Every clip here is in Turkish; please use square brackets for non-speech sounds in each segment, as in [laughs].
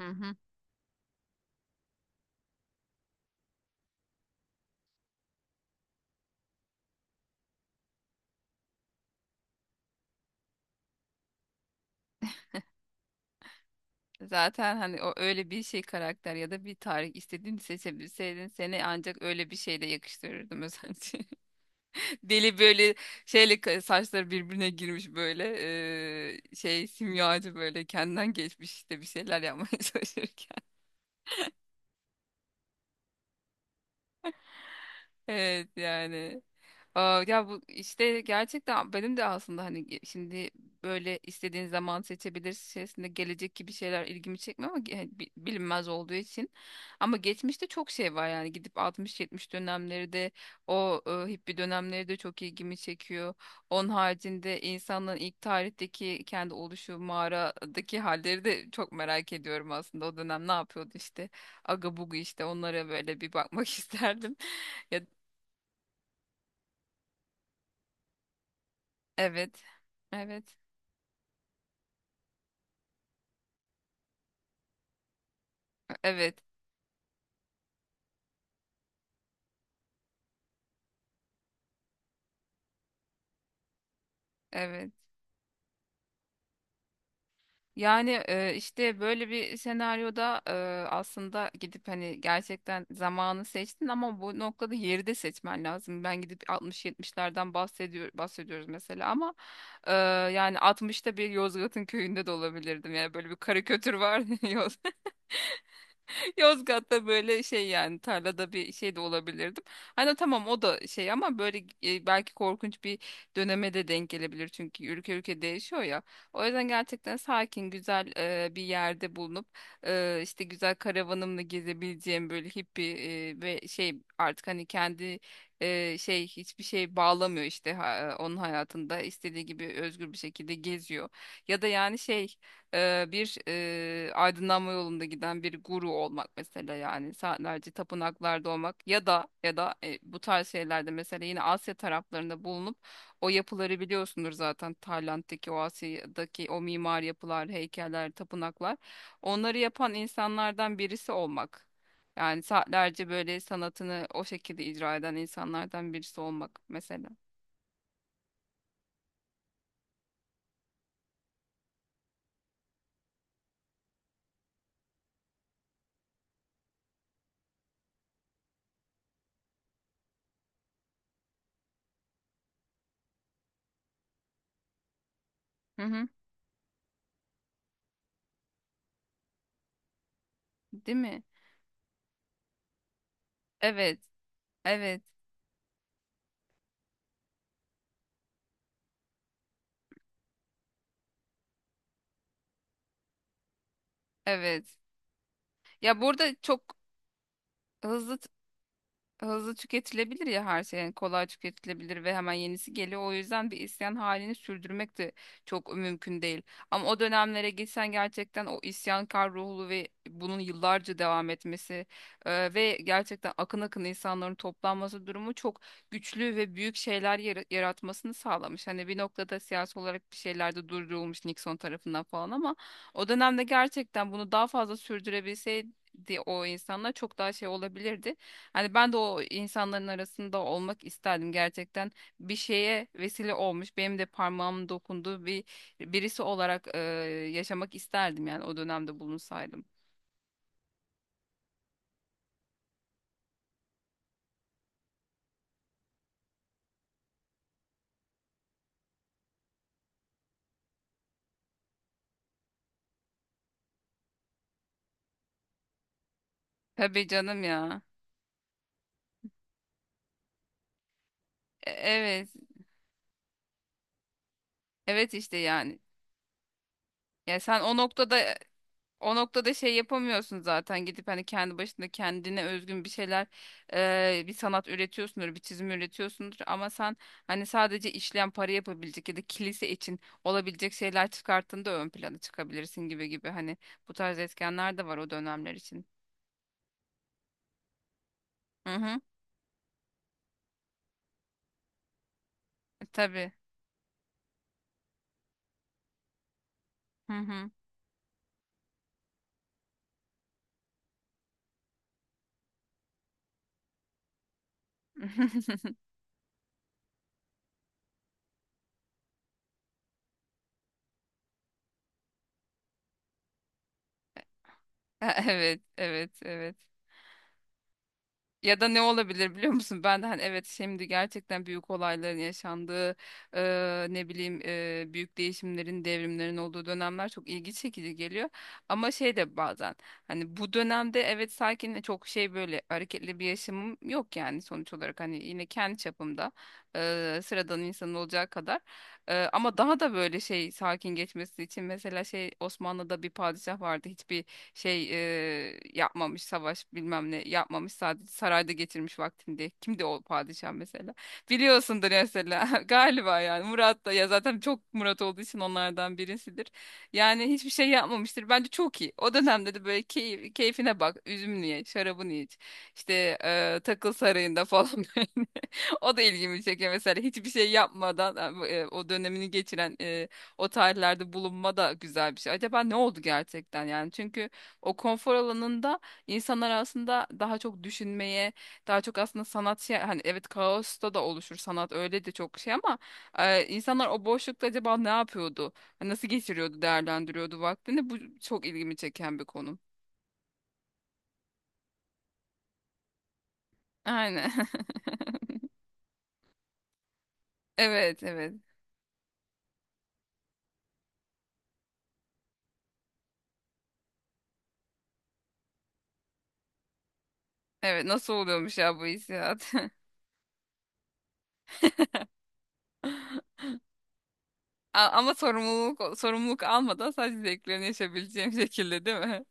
Hı hı. Zaten hani o öyle bir şey karakter ya da bir tarih istediğini seçebilseydin seni ancak öyle bir şeyle yakıştırırdım özellikle. [laughs] Deli böyle saçları birbirine girmiş böyle şey simyacı böyle kendinden geçmiş işte bir şeyler yapmaya [laughs] çalışırken. Evet yani. Ya bu işte gerçekten benim de aslında şimdi böyle istediğin zaman seçebilirsin şeklinde gelecek gibi şeyler ilgimi çekmiyor ama bilinmez olduğu için. Ama geçmişte çok şey var yani gidip 60-70 dönemleri de hippie dönemleri de çok ilgimi çekiyor. Onun haricinde insanların ilk tarihteki kendi oluşu mağaradaki halleri de çok merak ediyorum aslında. O dönem ne yapıyordu işte aga bugu işte onlara böyle bir bakmak [laughs] isterdim. Ya, evet. Evet. Evet, evet. Yani işte böyle bir senaryoda, aslında gidip hani gerçekten zamanı seçtin ama bu noktada yeri de seçmen lazım. Ben gidip 60-70'lerden bahsediyoruz mesela ama e, yani 60'ta bir Yozgat'ın köyünde de olabilirdim. Yani böyle bir karikatür var. [laughs] [laughs] Yozgat'ta böyle şey yani tarlada bir şey de olabilirdim. Hani tamam o da şey ama böyle, belki korkunç bir döneme de denk gelebilir çünkü ülke ülke değişiyor ya. O yüzden gerçekten sakin güzel, bir yerde bulunup, işte güzel karavanımla gezebileceğim böyle hippie ve şey artık hani kendi şey hiçbir şey bağlamıyor işte, onun hayatında istediği gibi özgür bir şekilde geziyor. Ya da yani şey, bir aydınlanma yolunda giden bir guru olmak mesela yani saatlerce tapınaklarda olmak ya da bu tarz şeylerde mesela yine Asya taraflarında bulunup o yapıları biliyorsundur zaten Tayland'daki o Asya'daki o mimar yapılar, heykeller, tapınaklar onları yapan insanlardan birisi olmak. Yani saatlerce böyle sanatını o şekilde icra eden insanlardan birisi olmak mesela. Hı hı. Değil mi? Evet, evet, evet. Ya burada çok hızlı hızlı tüketilebilir ya her şey yani kolay tüketilebilir ve hemen yenisi geliyor. O yüzden bir isyan halini sürdürmek de çok mümkün değil. Ama o dönemlere gitsen gerçekten o isyankar ruhlu ve bunun yıllarca devam etmesi ve gerçekten akın akın insanların toplanması durumu çok güçlü ve büyük şeyler yaratmasını sağlamış. Hani bir noktada siyasi olarak bir şeyler de durdurulmuş Nixon tarafından falan ama o dönemde gerçekten bunu daha fazla sürdürebilseydi o insanlar çok daha şey olabilirdi. Hani ben de o insanların arasında olmak isterdim gerçekten. Bir şeye vesile olmuş, benim de parmağım dokunduğu bir birisi olarak, yaşamak isterdim yani o dönemde bulunsaydım. Tabii canım ya. Evet. Evet işte yani. Ya sen o noktada. O noktada şey yapamıyorsun zaten gidip hani kendi başında kendine özgün bir şeyler bir sanat üretiyorsundur bir çizim üretiyorsundur ama sen hani sadece işleyen para yapabilecek ya da kilise için olabilecek şeyler çıkarttığında ön plana çıkabilirsin gibi gibi hani bu tarz etkenler de var o dönemler için. Hı hı. E, tabii. Hı hı. [laughs] Evet, evet, evet. Ya da ne olabilir biliyor musun? Ben de hani evet şimdi gerçekten büyük olayların yaşandığı ne bileyim büyük değişimlerin, devrimlerin olduğu dönemler çok ilgi çekici geliyor. Ama şey de bazen hani bu dönemde evet sakin çok şey böyle hareketli bir yaşamım yok yani sonuç olarak hani yine kendi çapımda, sıradan insan olacağı kadar. Ama daha da böyle şey sakin geçmesi için mesela şey Osmanlı'da bir padişah vardı hiçbir şey yapmamış savaş bilmem ne yapmamış sadece sarayda getirmiş vaktinde. Kimdi o padişah mesela? Biliyorsundur mesela [laughs] galiba yani Murat da ya zaten çok Murat olduğu için onlardan birisidir. Yani hiçbir şey yapmamıştır. Bence çok iyi. O dönemde de böyle keyfine bak. Üzümünü ye, şarabını iç. İşte, takıl sarayında falan [laughs] böyle. O da ilgimi çekiyor mesela. Hiçbir şey yapmadan, o dönemini geçiren, o tarihlerde bulunma da güzel bir şey. Acaba ne oldu gerçekten yani? Çünkü o konfor alanında insanlar aslında daha çok düşünmeye, daha çok aslında sanat şey, hani evet kaosta da oluşur sanat öyle de çok şey ama insanlar o boşlukta acaba ne yapıyordu? Hani nasıl geçiriyordu, değerlendiriyordu vaktini? Bu çok ilgimi çeken bir konu. Aynen. [laughs] Evet, evet. Evet, nasıl oluyormuş ya bu hissiyat? [laughs] Ama sorumluluk almadan sadece zevklerini yaşayabileceğim [laughs] şekilde değil mi?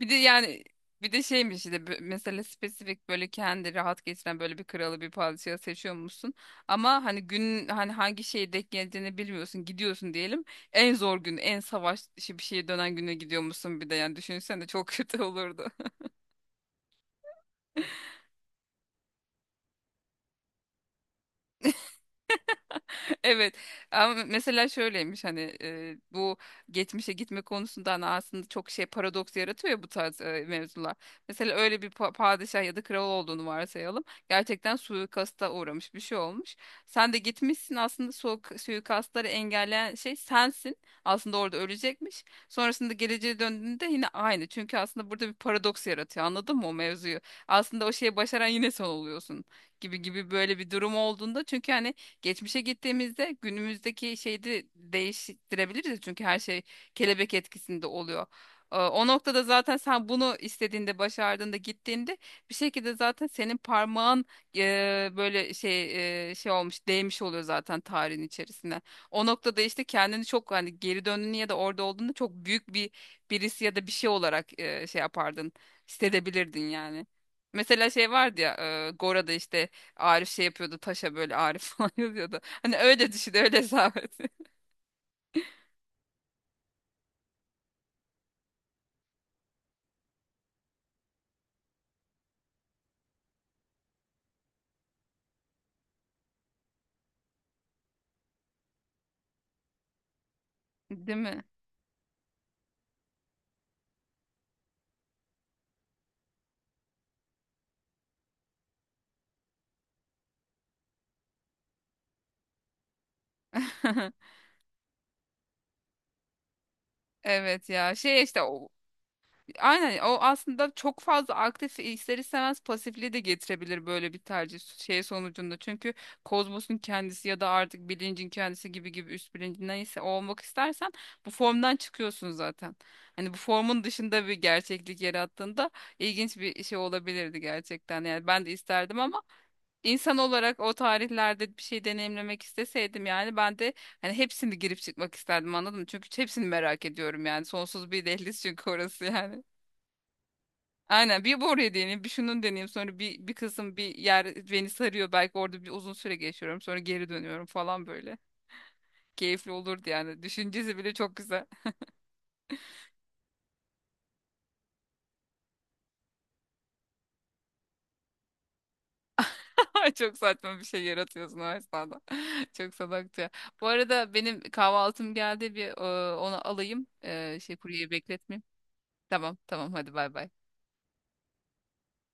Bir de yani bir de şeymiş işte, mesela spesifik böyle kendi rahat geçiren böyle bir kralı bir padişahı seçiyor musun? Ama hani gün hani hangi şeye denk geleceğini bilmiyorsun gidiyorsun diyelim. En zor gün en savaş işi bir şeye dönen güne gidiyor musun bir de yani düşünsene çok [laughs] kötü olurdu. [laughs] Evet ama mesela şöyleymiş hani, bu geçmişe gitme konusunda hani aslında çok şey paradoks yaratıyor ya bu tarz mevzular. Mesela öyle bir padişah ya da kral olduğunu varsayalım. Gerçekten suikasta uğramış bir şey olmuş. Sen de gitmişsin aslında suikastları engelleyen şey sensin. Aslında orada ölecekmiş. Sonrasında geleceğe döndüğünde yine aynı. Çünkü aslında burada bir paradoks yaratıyor anladın mı o mevzuyu? Aslında o şeyi başaran yine sen oluyorsun gibi gibi böyle bir durum olduğunda çünkü hani geçmişe gittiğimizde günümüzdeki şeyi de değiştirebiliriz ya çünkü her şey kelebek etkisinde oluyor. O noktada zaten sen bunu istediğinde, başardığında, gittiğinde bir şekilde zaten senin parmağın böyle, şey olmuş, değmiş oluyor zaten tarihin içerisine. O noktada işte kendini çok hani geri döndüğünü ya da orada olduğunda çok büyük bir birisi ya da bir şey olarak, şey yapardın, hissedebilirdin yani. Mesela şey vardı ya Gora'da işte Arif şey yapıyordu taşa böyle Arif [laughs] falan yazıyordu. Hani öyle düşün öyle hesap et. [laughs] Değil mi? [laughs] Evet ya şey işte o, aynen o aslında çok fazla aktif ister istemez pasifliği de getirebilir böyle bir tercih şey sonucunda. Çünkü kozmosun kendisi ya da artık bilincin kendisi gibi gibi üst bilincin neyse o olmak istersen bu formdan çıkıyorsun zaten. Hani bu formun dışında bir gerçeklik yarattığında ilginç bir şey olabilirdi gerçekten. Yani ben de isterdim ama İnsan olarak o tarihlerde bir şey deneyimlemek isteseydim yani ben de hani hepsini girip çıkmak isterdim anladın mı? Çünkü hepsini merak ediyorum yani. Sonsuz bir dehliz çünkü orası yani. Aynen bir bu oraya deneyeyim bir şunun deneyeyim sonra bir kısım bir yer beni sarıyor belki orada bir uzun süre geçiyorum sonra geri dönüyorum falan böyle. Keyifli olurdu yani. Düşüncesi bile çok güzel. [laughs] Çok saçma bir şey yaratıyorsun o esnada. [laughs] Çok salakça. Bu arada benim kahvaltım geldi bir, onu alayım. Şey kuryeyi bekletmeyeyim. Tamam tamam hadi bay bay.